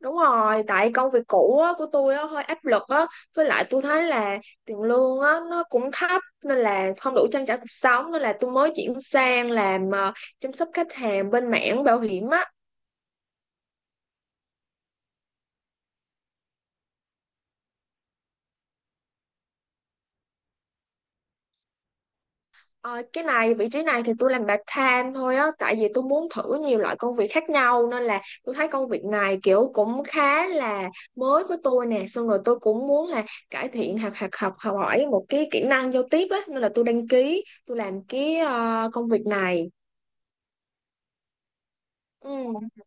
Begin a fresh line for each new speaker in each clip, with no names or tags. Đúng rồi, tại công việc cũ á, của tôi á, hơi áp lực á, với lại tôi thấy là tiền lương á, nó cũng thấp nên là không đủ trang trải cuộc sống nên là tôi mới chuyển sang làm chăm sóc khách hàng bên mảng bảo hiểm á. Ờ, cái này vị trí này thì tôi làm part time thôi á, tại vì tôi muốn thử nhiều loại công việc khác nhau nên là tôi thấy công việc này kiểu cũng khá là mới với tôi nè, xong rồi tôi cũng muốn là cải thiện hoặc học học học hỏi một cái kỹ năng giao tiếp á, nên là tôi đăng ký tôi làm cái công việc này. Ừ.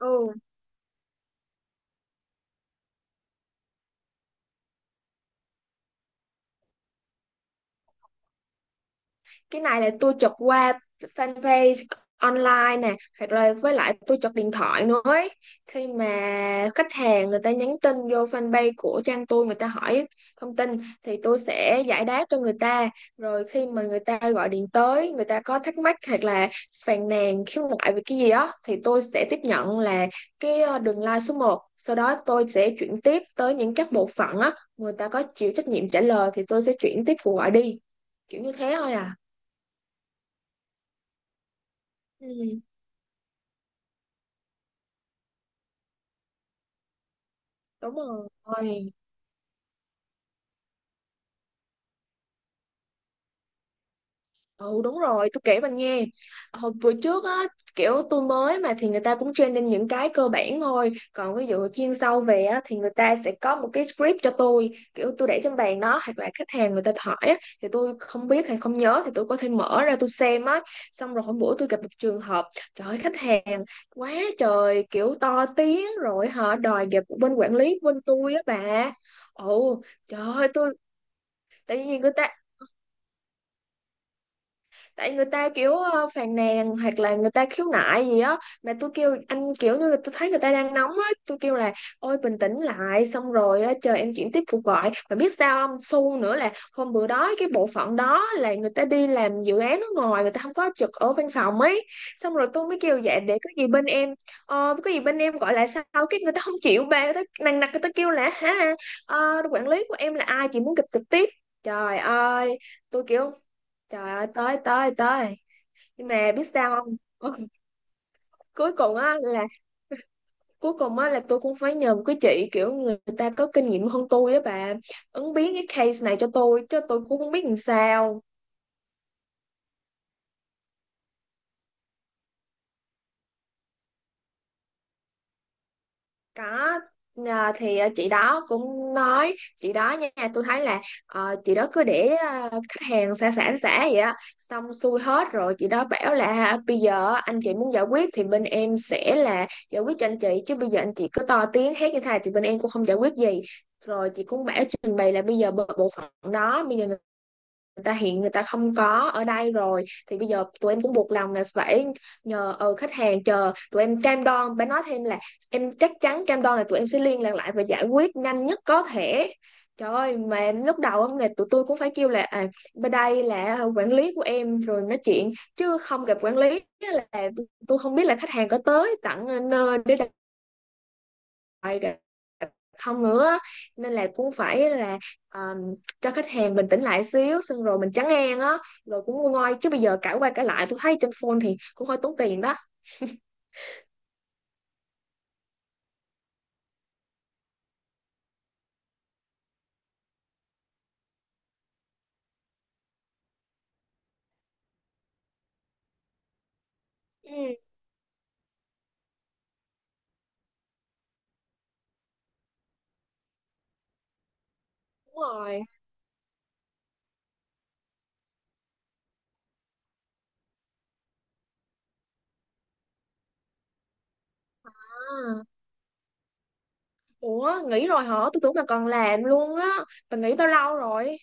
Ừ. Cái này là tôi chụp qua fanpage online nè hoặc là với lại tôi chụp điện thoại nữa ấy. Khi mà khách hàng người ta nhắn tin vô fanpage của trang tôi người ta hỏi thông tin thì tôi sẽ giải đáp cho người ta, rồi khi mà người ta gọi điện tới người ta có thắc mắc hoặc là phàn nàn khiếu nại về cái gì đó thì tôi sẽ tiếp nhận là cái đường line số 1, sau đó tôi sẽ chuyển tiếp tới những các bộ phận á, người ta có chịu trách nhiệm trả lời thì tôi sẽ chuyển tiếp cuộc gọi đi, kiểu như thế thôi à. Ừ, đúng rồi. Ừ đúng rồi, tôi kể bạn nghe. Hồi bữa trước á, kiểu tôi mới mà thì người ta cũng training những cái cơ bản thôi, còn ví dụ chuyên sâu về á thì người ta sẽ có một cái script cho tôi, kiểu tôi để trên bàn đó hoặc là khách hàng người ta hỏi á thì tôi không biết hay không nhớ thì tôi có thể mở ra tôi xem á. Xong rồi hôm bữa tôi gặp một trường hợp, trời ơi khách hàng quá trời kiểu to tiếng rồi họ đòi gặp bên quản lý bên tôi á bà. Ồ, trời ơi tôi tại vì người ta tại người ta kiểu phàn nàn hoặc là người ta khiếu nại gì á, mà tôi kêu anh kiểu như là tôi thấy người ta đang nóng á, tôi kêu là ôi bình tĩnh lại xong rồi á, chờ em chuyển tiếp cuộc gọi, mà biết sao không, xu nữa là hôm bữa đó cái bộ phận đó là người ta đi làm dự án ở ngoài, người ta không có trực ở văn phòng ấy. Xong rồi tôi mới kêu dạ để có gì bên em gọi lại sau, cái người ta không chịu bà, người ta nằng nặc người ta kêu là hả quản lý của em là ai chị muốn gặp trực tiếp. Trời ơi tôi kiểu Trời ơi tới tới tới, nhưng mà biết sao không cuối cùng á là cuối cùng á là tôi cũng phải nhờ một cái chị kiểu người ta có kinh nghiệm hơn tôi á bà, ứng biến cái case này cho tôi chứ tôi cũng không biết làm sao. Có. Thì chị đó cũng nói, chị đó nha tôi thấy là chị đó cứ để khách hàng xả xả xả vậy á, xong xuôi hết rồi chị đó bảo là bây giờ anh chị muốn giải quyết thì bên em sẽ là giải quyết cho anh chị, chứ bây giờ anh chị cứ to tiếng hét như thế này thì bên em cũng không giải quyết gì. Rồi chị cũng bảo trình bày là bây giờ bộ bộ phận đó bây giờ người ta hiện người ta không có ở đây rồi thì bây giờ tụi em cũng buộc lòng là phải nhờ khách hàng chờ, tụi em cam đoan bà nói thêm là em chắc chắn cam đoan là tụi em sẽ liên lạc lại và giải quyết nhanh nhất có thể. Trời ơi mà em lúc đầu á, tụi tôi cũng phải kêu là bên đây là quản lý của em rồi nói chuyện chứ không gặp quản lý, là tôi không biết là khách hàng có tới tận nơi để đặt lại gặp không nữa, nên là cũng phải là ờ, cho khách hàng bình tĩnh lại xíu xong rồi mình trấn an á, rồi cũng nguôi ngoai chứ bây giờ cãi qua cãi lại tôi thấy trên phone thì cũng hơi tốn tiền đó. Ừ đúng rồi. À, ủa nghỉ rồi hả, tôi tưởng là còn làm luôn á. Bà nghỉ bao lâu rồi?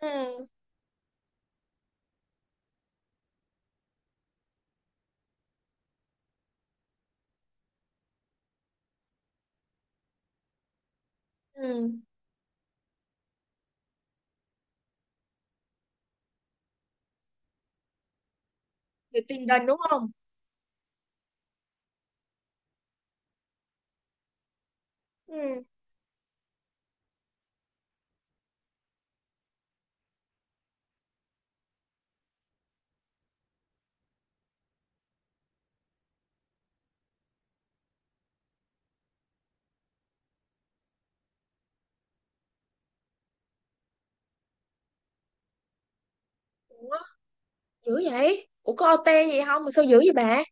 Ừ. Ừ thì tiền đình đúng không. Ừ. Ủa dữ vậy, ủa có OT gì không mà sao dữ vậy bà?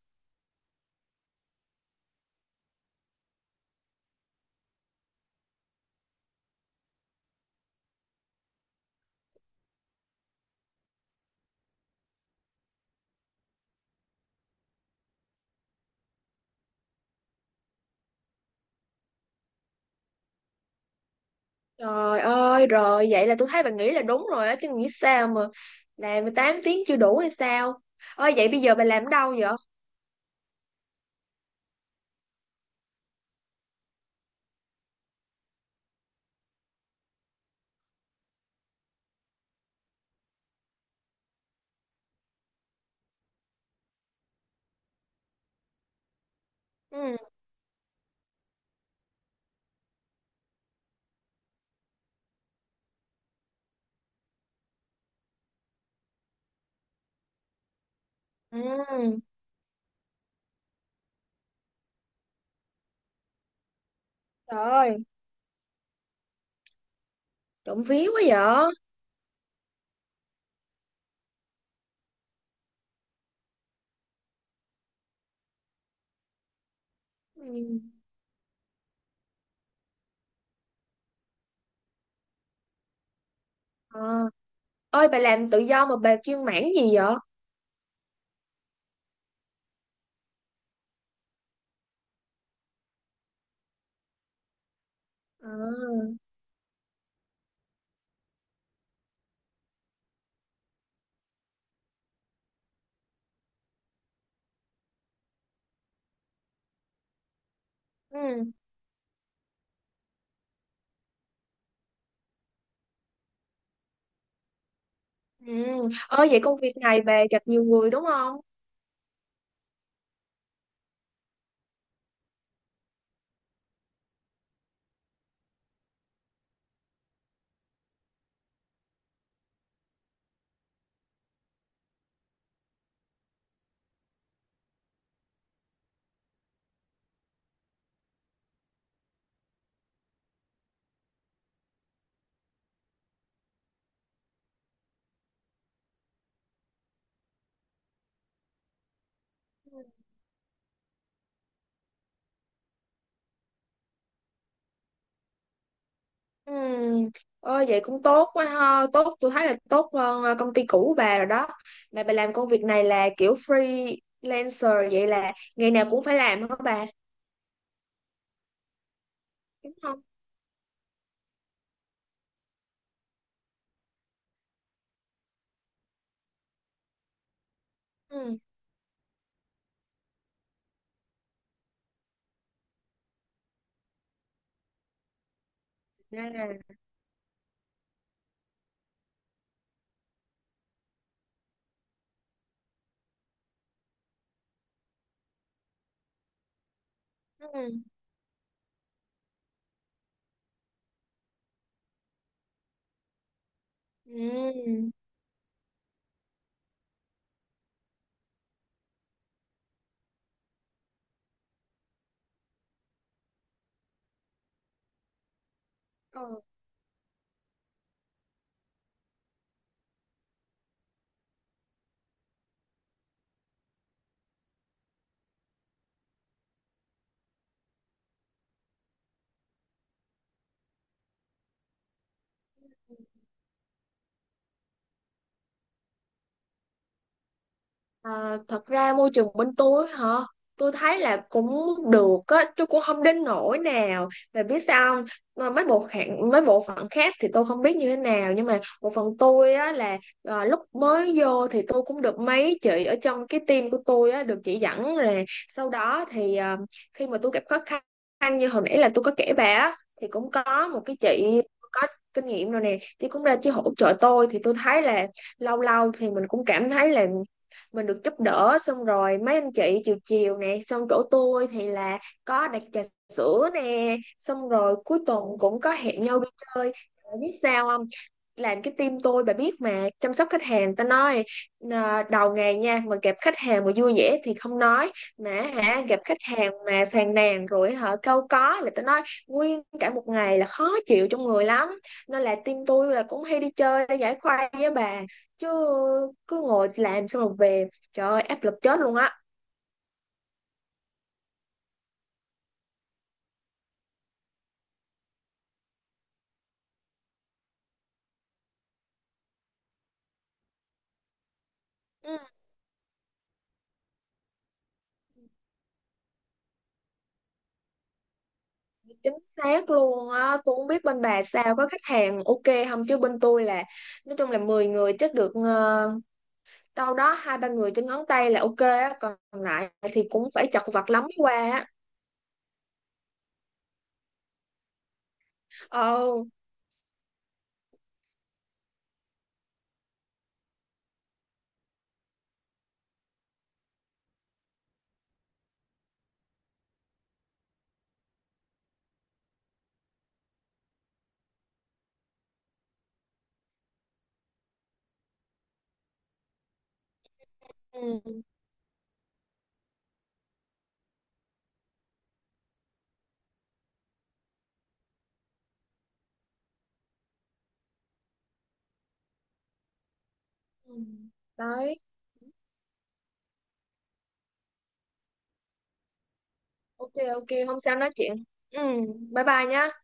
Trời ơi, rồi vậy là tôi thấy bạn nghĩ là đúng rồi á, chứ nghĩ sao mà làm 8 tiếng chưa đủ hay sao? Ơi vậy bây giờ bà làm ở đâu vậy? Ừ. Ừ. Trời ơi, trộm vía quá vậy. Ừ. À. Ơi bà làm tự do mà bà chuyên mảng gì vậy? À. Ừ. Ừ. Ơi vậy công việc này bà gặp nhiều người đúng không? Ừ. Ừ. Ôi, vậy cũng tốt quá ha, tốt, tôi thấy là tốt hơn công ty cũ của bà rồi đó. Mà bà làm công việc này là kiểu freelancer vậy là ngày nào cũng phải làm hả bà, đúng không? Ừ. À. Ừ. Ừ. À, thật ra môi trường bên tôi hả, tôi thấy là cũng được á, chứ cũng không đến nỗi nào, mà biết sao không? Ờ, mấy bộ phận khác thì tôi không biết như thế nào, nhưng mà bộ phận tôi á là lúc mới vô thì tôi cũng được mấy chị ở trong cái team của tôi á được chỉ dẫn là, sau đó thì khi mà tôi gặp khó khăn như hồi nãy là tôi có kể bà á thì cũng có một cái chị có kinh nghiệm rồi nè, chị cũng ra chị hỗ trợ tôi thì tôi thấy là lâu lâu thì mình cũng cảm thấy là mình được giúp đỡ, xong rồi mấy anh chị chiều chiều nè, xong chỗ tôi thì là có đặt trà sữa nè, xong rồi cuối tuần cũng có hẹn nhau đi chơi. Bạn biết sao không, làm cái team tôi bà biết mà chăm sóc khách hàng ta nói, đầu ngày nha mà gặp khách hàng mà vui vẻ thì không nói, mà hả gặp khách hàng mà phàn nàn rồi hả câu có là ta nói nguyên cả một ngày là khó chịu trong người lắm, nên là team tôi là cũng hay đi chơi để giải khuây với bà, chứ cứ ngồi làm xong rồi về trời ơi áp lực chết luôn á. Ừ, chính xác luôn á, tôi không biết bên bà sao có khách hàng ok không chứ bên tôi là nói chung là 10 người chắc được đâu đó hai ba người trên ngón tay là ok á, còn lại thì cũng phải chật vật lắm mới qua á. Ờ. Ừ. Ừ. Đấy. Ok ok hôm sau nói chuyện. Ừ, bye bye nhá.